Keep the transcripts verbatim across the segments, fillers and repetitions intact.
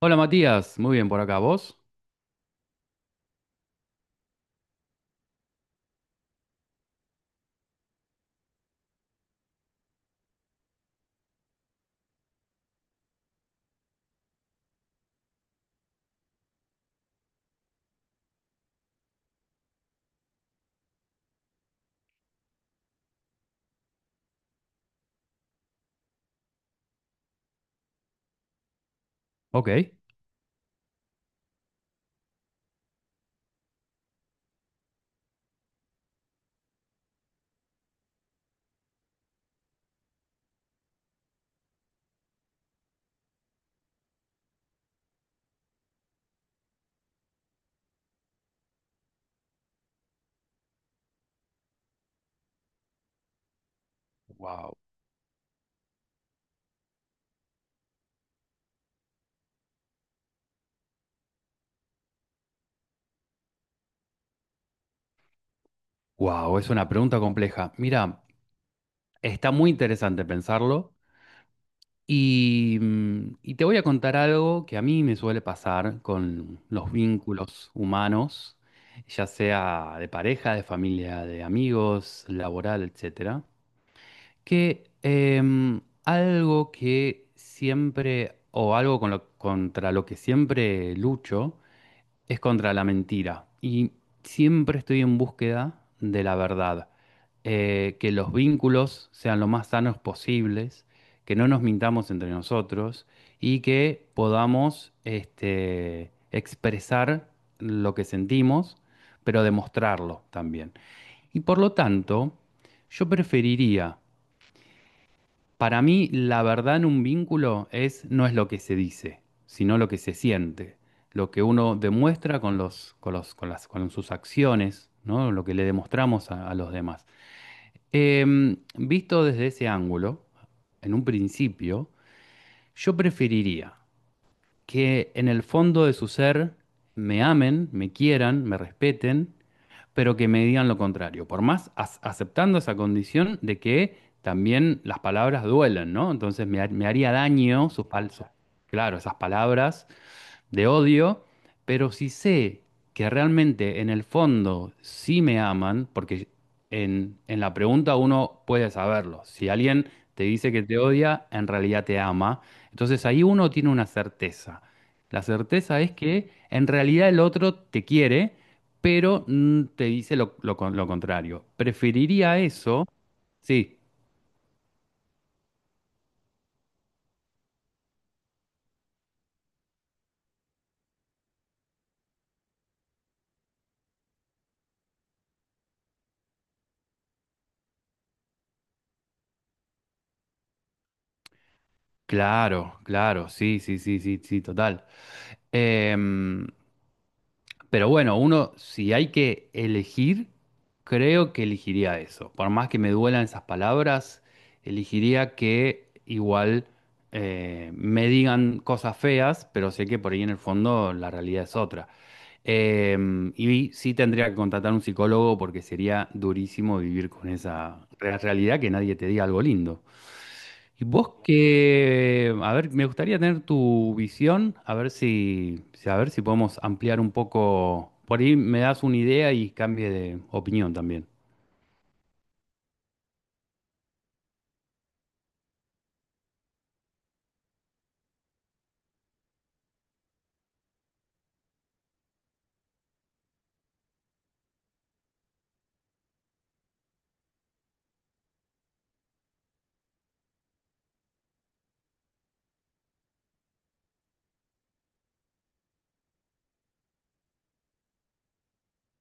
Hola Matías, muy bien por acá, ¿vos? Ok. Wow. Wow, es una pregunta compleja. Mira, está muy interesante pensarlo y, mm, y te voy a contar algo que a mí me suele pasar con los vínculos humanos, ya sea de pareja, de familia, de amigos, laboral, etcétera, que em, algo que siempre, o algo con lo- contra lo que siempre lucho, es contra la mentira. Y siempre estoy en búsqueda de la verdad. Eh, que los vínculos sean lo más sanos posibles, que no nos mintamos entre nosotros y que podamos este, expresar lo que sentimos, pero demostrarlo también. Y por lo tanto, yo preferiría para mí, la verdad en un vínculo es, no es lo que se dice, sino lo que se siente, lo que uno demuestra con los, con los, con las, con sus acciones, ¿no? Lo que le demostramos a, a los demás. Em, visto desde ese ángulo, en un principio, yo preferiría que en el fondo de su ser me amen, me quieran, me respeten, pero que me digan lo contrario. Por más as- aceptando esa condición de que también las palabras duelen, ¿no? Entonces me, ha- me haría daño sus, pal- sus- claro, esas palabras de odio, pero si sé que realmente en el fondo sí me aman, porque en, en la pregunta uno puede saberlo, si alguien te dice que te odia, en realidad te ama, entonces ahí uno tiene una certeza. La certeza es que en realidad el otro te quiere, pero mm, te dice lo, lo con- lo contrario. Preferiría eso, sí, claro, claro, sí, sí, sí, sí, sí, total. Em, Pero bueno, uno, si hay que elegir, creo que elegiría eso. Por más que me duelan esas palabras, elegiría que igual eh, me digan cosas feas, pero sé que por ahí en el fondo la realidad es otra. Em, y sí tendría que contratar un psicólogo porque sería durísimo vivir con esa re- realidad que nadie te diga algo lindo. Y vos que, a ver, me gustaría tener tu visión, a ver si, si- a ver si podemos ampliar un poco. Por ahí me das una idea y cambie de opinión también.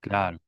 Claro,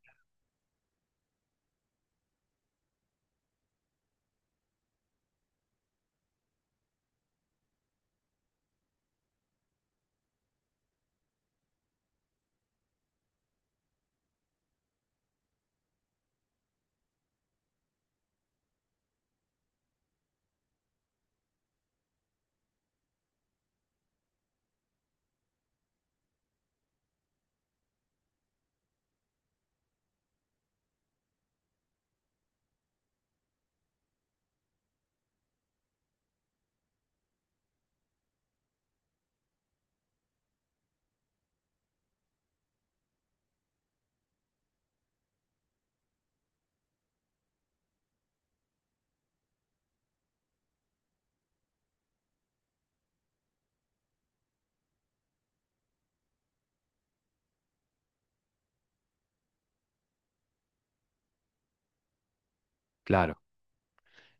claro.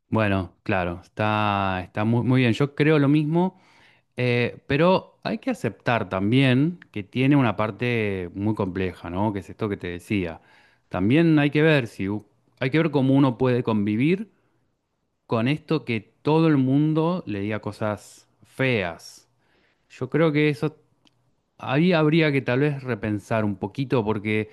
Bueno, claro, está, está muy, muy bien. Yo creo lo mismo, eh, pero hay que aceptar también que tiene una parte muy compleja, ¿no? Que es esto que te decía. También hay que ver si u- hay que ver cómo uno puede convivir con esto que todo el mundo le diga cosas feas. Yo creo que eso ahí habría que tal vez repensar un poquito porque,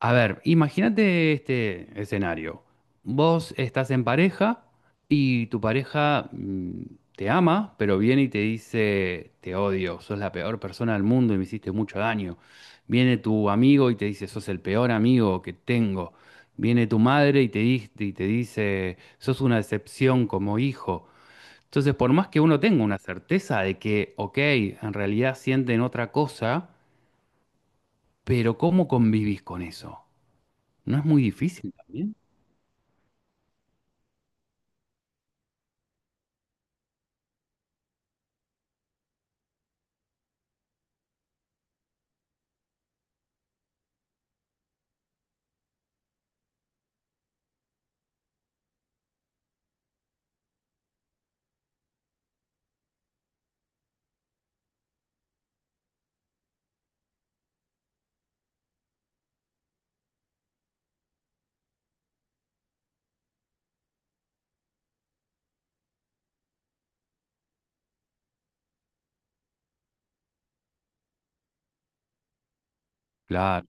a ver, imagínate este escenario. Vos estás en pareja y tu pareja mm, te ama, pero viene y te dice, te odio, sos la peor persona del mundo y me hiciste mucho daño. Viene tu amigo y te dice, sos el peor amigo que tengo. Viene tu madre y te, di- y te dice, sos una decepción como hijo. Entonces, por más que uno tenga una certeza de que, ok, en realidad sienten otra cosa, pero ¿cómo convivís con eso? ¿No es muy difícil también? Claro,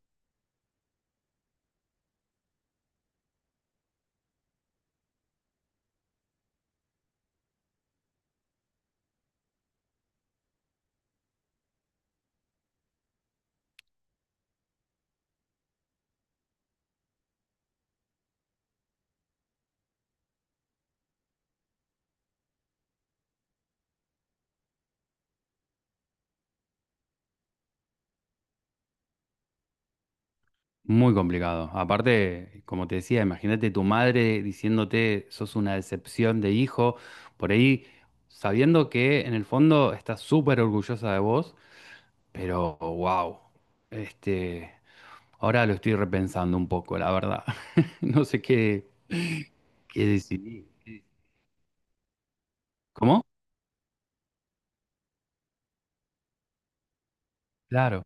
muy complicado. Aparte, como te decía, imagínate tu madre diciéndote sos una decepción de hijo, por ahí sabiendo que en el fondo estás súper orgullosa de vos, pero wow, este, ahora lo estoy repensando un poco, la verdad. No sé qué, qué decidí. ¿Cómo? Claro,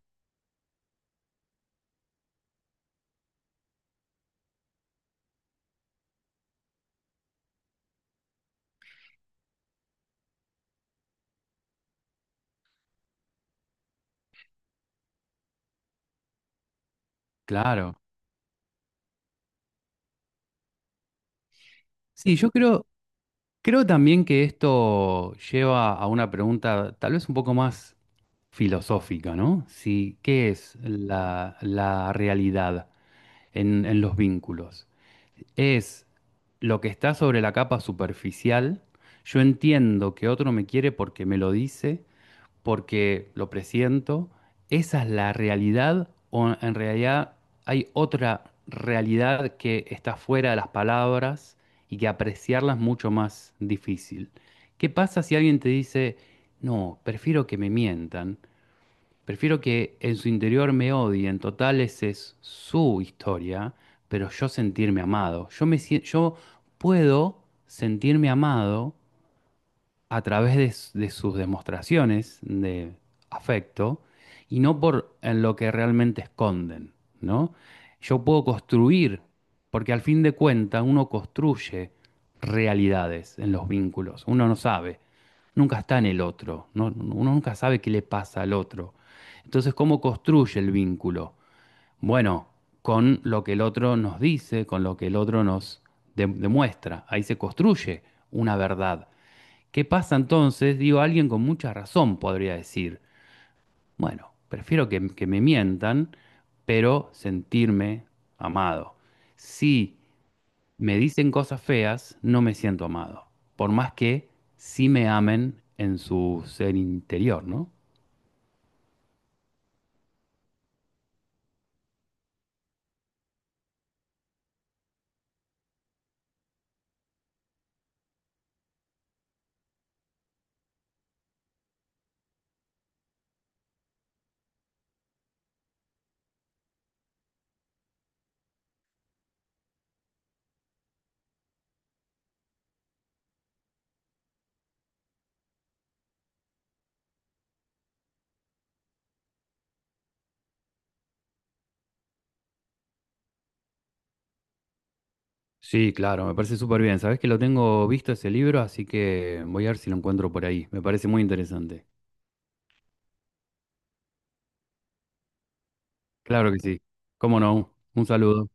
claro. Sí, yo creo, creo también que esto lleva a una pregunta tal vez un poco más filosófica, ¿no? Si, ¿qué es la, la realidad en, en los vínculos? ¿Es lo que está sobre la capa superficial? Yo entiendo que otro me quiere porque me lo dice, porque lo presiento, esa es la realidad o en realidad hay otra realidad que está fuera de las palabras y que apreciarla es mucho más difícil. ¿Qué pasa si alguien te dice, no, prefiero que me mientan, prefiero que en su interior me odien, total esa es su historia, pero yo sentirme amado, yo me sien- yo puedo sentirme amado a través de, s- de sus demostraciones de afecto y no por en lo que realmente esconden, ¿no? Yo puedo construir, porque al fin de cuentas uno construye realidades en los vínculos, uno no sabe, nunca está en el otro, no- uno nunca sabe qué le pasa al otro. Entonces, ¿cómo construye el vínculo? Bueno, con lo que el otro nos dice, con lo que el otro nos de- demuestra, ahí se construye una verdad. ¿Qué pasa entonces? Digo, alguien con mucha razón podría decir, bueno, prefiero que, que me mientan, pero sentirme amado. Si me dicen cosas feas, no me siento amado, por más que sí me amen en su ser interior, ¿no? Sí, claro, me parece súper bien. Sabés que lo tengo visto ese libro, así que voy a ver si lo encuentro por ahí. Me parece muy interesante. Claro que sí. ¿Cómo no? Un saludo.